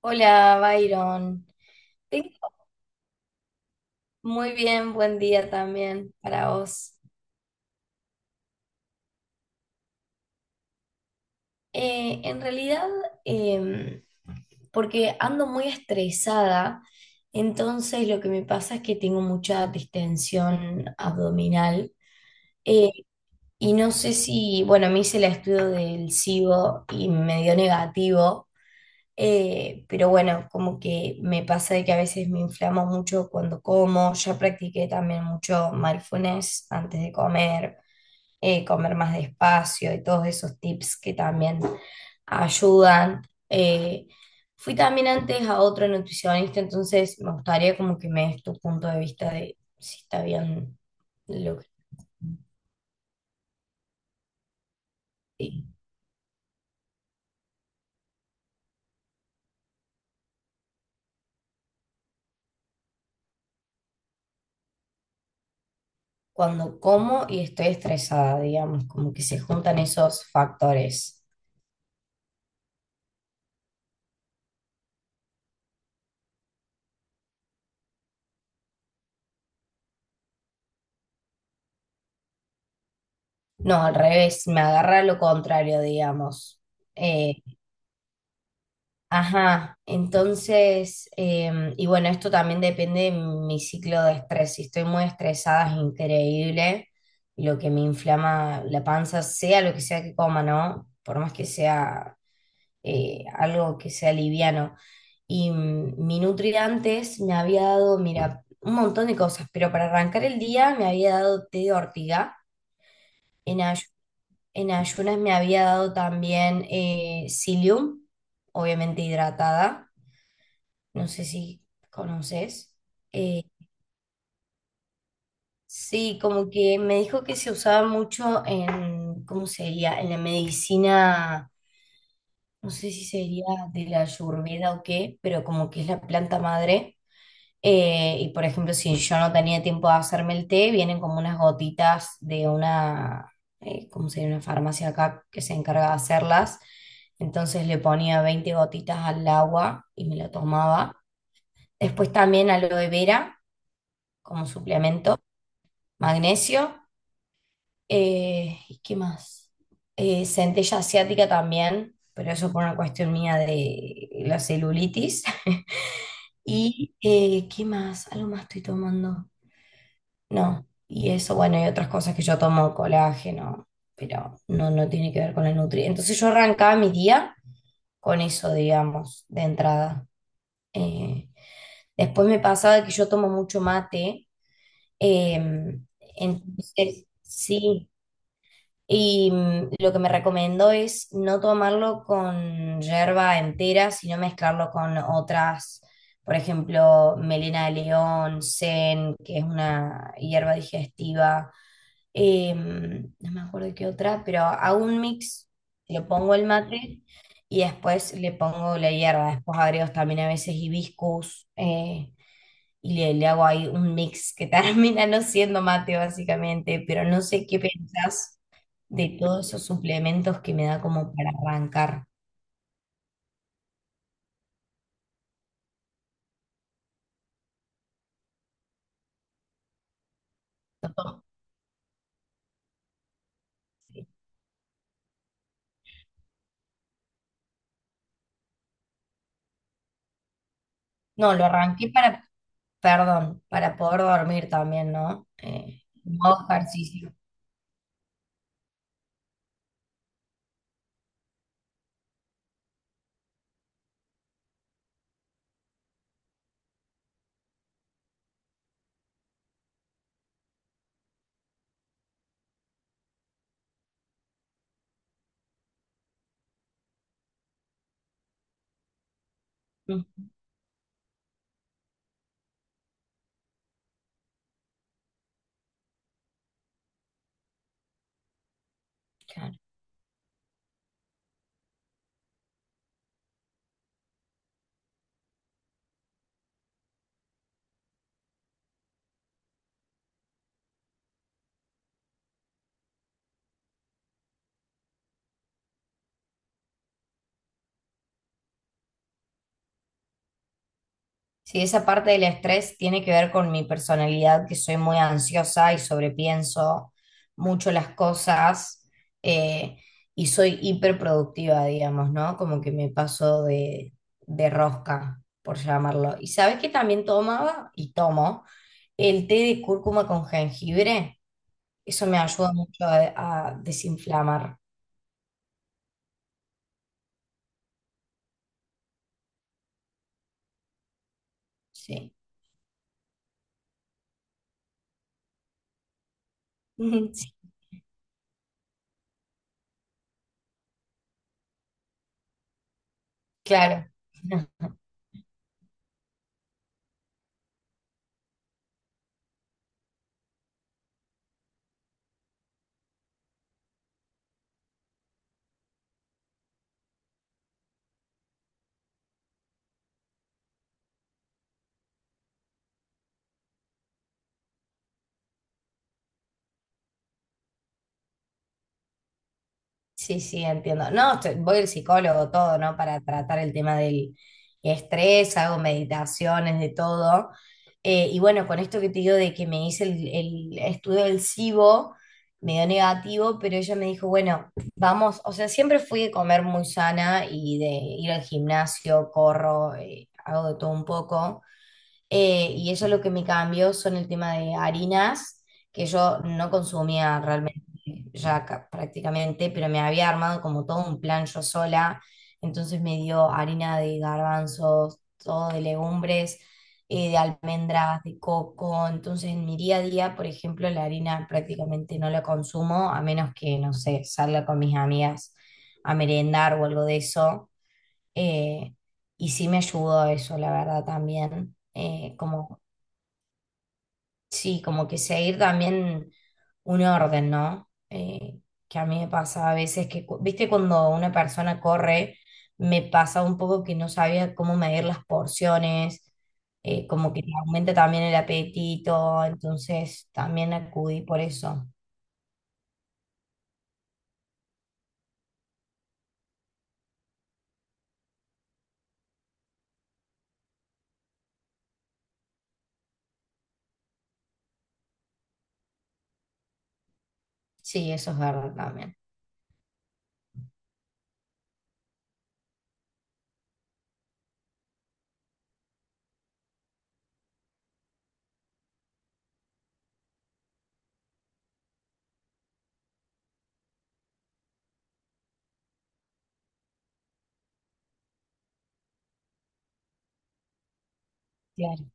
Hola, Byron. Tengo muy bien, buen día también para vos. En realidad, em, porque ando muy estresada, entonces lo que me pasa es que tengo mucha distensión abdominal, eh, y no sé si, bueno, me hice el estudio del SIBO y me dio negativo. Pero bueno, como que me pasa de que a veces me inflamo mucho cuando como. Ya practiqué también mucho mindfulness antes de comer, comer más despacio y todos esos tips que también ayudan. Eh, Fui también antes a otro nutricionista, entonces me gustaría como que me des tu punto de vista de si está bien lo que... sí. Cuando como y estoy estresada, digamos, como que se juntan esos factores. No, al revés, me agarra lo contrario, digamos. Eh, ajá, entonces, y bueno, esto también depende de mi ciclo de estrés. Si estoy muy estresada, es increíble lo que me inflama la panza, sea lo que sea que coma, ¿no? Por más que sea algo que sea liviano. Y mm, mi Nutri antes me había dado, mira, un montón de cosas, pero para arrancar el día me había dado té de ortiga en ayunas. En ayunas me había dado también psyllium, obviamente hidratada. No sé si conoces. Eh, sí, como que me dijo que se usaba mucho en, ¿cómo sería? En la medicina, no sé si sería de la ayurveda o qué, pero como que es la planta madre. Y por ejemplo, si yo no tenía tiempo de hacerme el té, vienen como unas gotitas de una, ¿cómo se Una farmacia acá que se encarga de hacerlas. Entonces le ponía 20 gotitas al agua y me lo tomaba. Después también aloe vera como suplemento, magnesio. ¿Y qué más? Centella asiática también, pero eso por una cuestión mía de la celulitis. ¿Y qué más? Algo más estoy tomando. No, y eso, bueno, y otras cosas que yo tomo, colágeno, pero no, no tiene que ver con la nutri. Entonces yo arrancaba mi día con eso, digamos, de entrada. Eh, Después me pasaba que yo tomo mucho mate, eh, entonces sí, y mm, lo que me recomendó es no tomarlo con yerba entera, sino mezclarlo con otras, por ejemplo, melena de león, sen, que es una hierba digestiva, no me acuerdo qué otra, pero hago un mix, le pongo el mate y después le pongo la hierba, después agrego también a veces hibiscus, y le hago ahí un mix que termina no siendo mate básicamente, pero no sé qué pensás de todos esos suplementos que me da como para arrancar. No, lo arranqué para, perdón, para poder dormir también, ¿no? Modo ejercicio. Ujú, claro. Sí, esa parte del estrés tiene que ver con mi personalidad, que soy muy ansiosa y sobrepienso mucho las cosas, eh, y soy hiperproductiva, digamos, ¿no? Como que me paso de rosca, por llamarlo. ¿Y sabes que también tomaba? Y tomo el té de cúrcuma con jengibre. Eso me ayuda mucho a desinflamar. Sí, sí, claro. Sí, sí, entiendo. No, estoy- voy al psicólogo todo, ¿no? Para tratar el tema del estrés, hago meditaciones, de todo. Y bueno, con esto que te digo de que me hice el estudio del SIBO, me dio negativo, pero ella me dijo, bueno, vamos, o sea, siempre fui de comer muy sana y de ir al gimnasio, corro, hago de todo un poco. Y eso lo que me cambió son el tema de harinas, que yo no consumía realmente ya ca- prácticamente, pero me había armado como todo un plan yo sola. Entonces me dio harina de garbanzos, todo de legumbres, de almendras, de coco. Entonces en mi día a día, por ejemplo, la harina prácticamente no la consumo, a menos que, no sé, salga con mis amigas a merendar o algo de eso. Eh, y sí me ayudó eso, la verdad, también. Como, sí, como que seguir también un orden, ¿no? Que a mí me pasa a veces que, cu- viste, cuando una persona corre, me pasa un poco que no sabía cómo medir las porciones, como que te aumenta también el apetito, entonces también acudí por eso. Sí, eso es verdad también. Claro,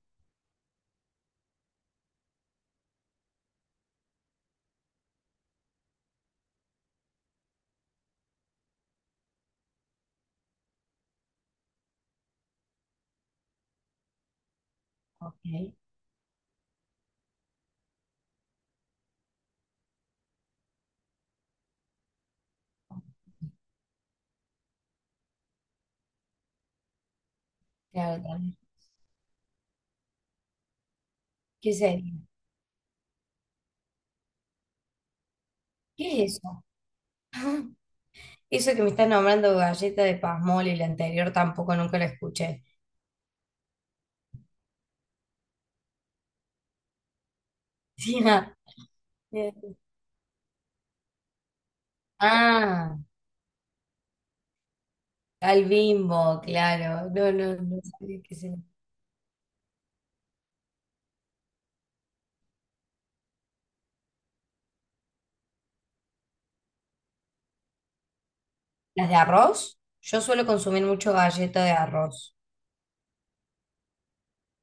ok. Claro, también. ¿Qué sería? ¿Qué es eso? Eso que me estás nombrando galleta de pasmol y la anterior tampoco nunca la escuché. Sí, ah, eh, ah, al Bimbo, claro. No, no, no sabía qué se- ¿Las de arroz? Yo suelo consumir mucho galleta de arroz.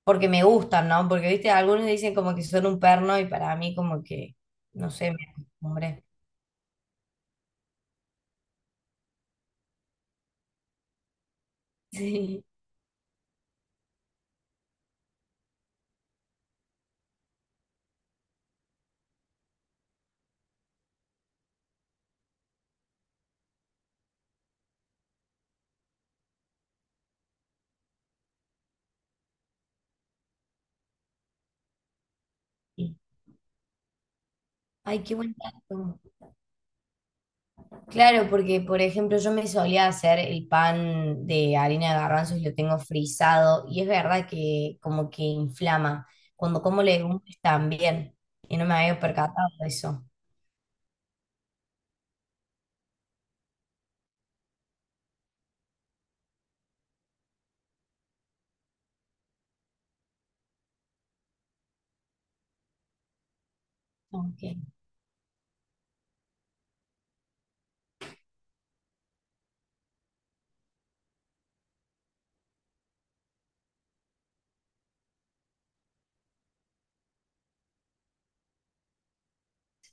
Porque me gustan, ¿no? Porque, viste, algunos dicen como que son un perno y para mí como que, no sé, me acostumbré. Sí. Ay, qué buen dato. Claro, porque por ejemplo yo me solía hacer el pan de harina de garbanzos y lo tengo frisado y es verdad que como que inflama. Cuando como legumbres también y no me había percatado de eso. Ok,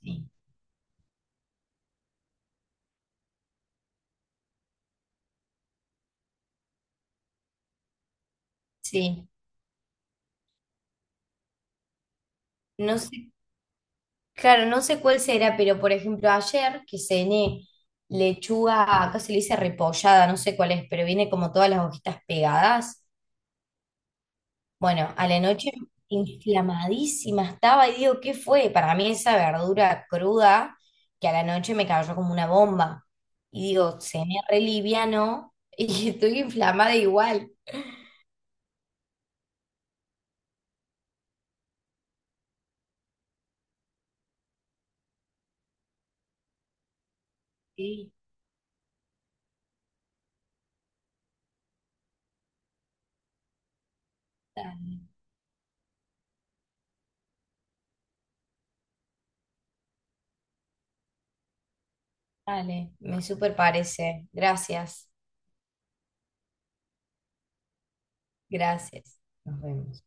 sí. Sí, no sé, claro, no sé cuál será, pero por ejemplo ayer que cené lechuga, acá se le dice repollada, no sé cuál es, pero viene como todas las hojitas pegadas. Bueno, a la noche inflamadísima estaba y digo, ¿qué fue? Para mí esa verdura cruda que a la noche me cayó como una bomba. Y digo, cené re liviano y estoy inflamada igual. Sí, dale, dale, me super parece. Gracias, gracias. Nos vemos.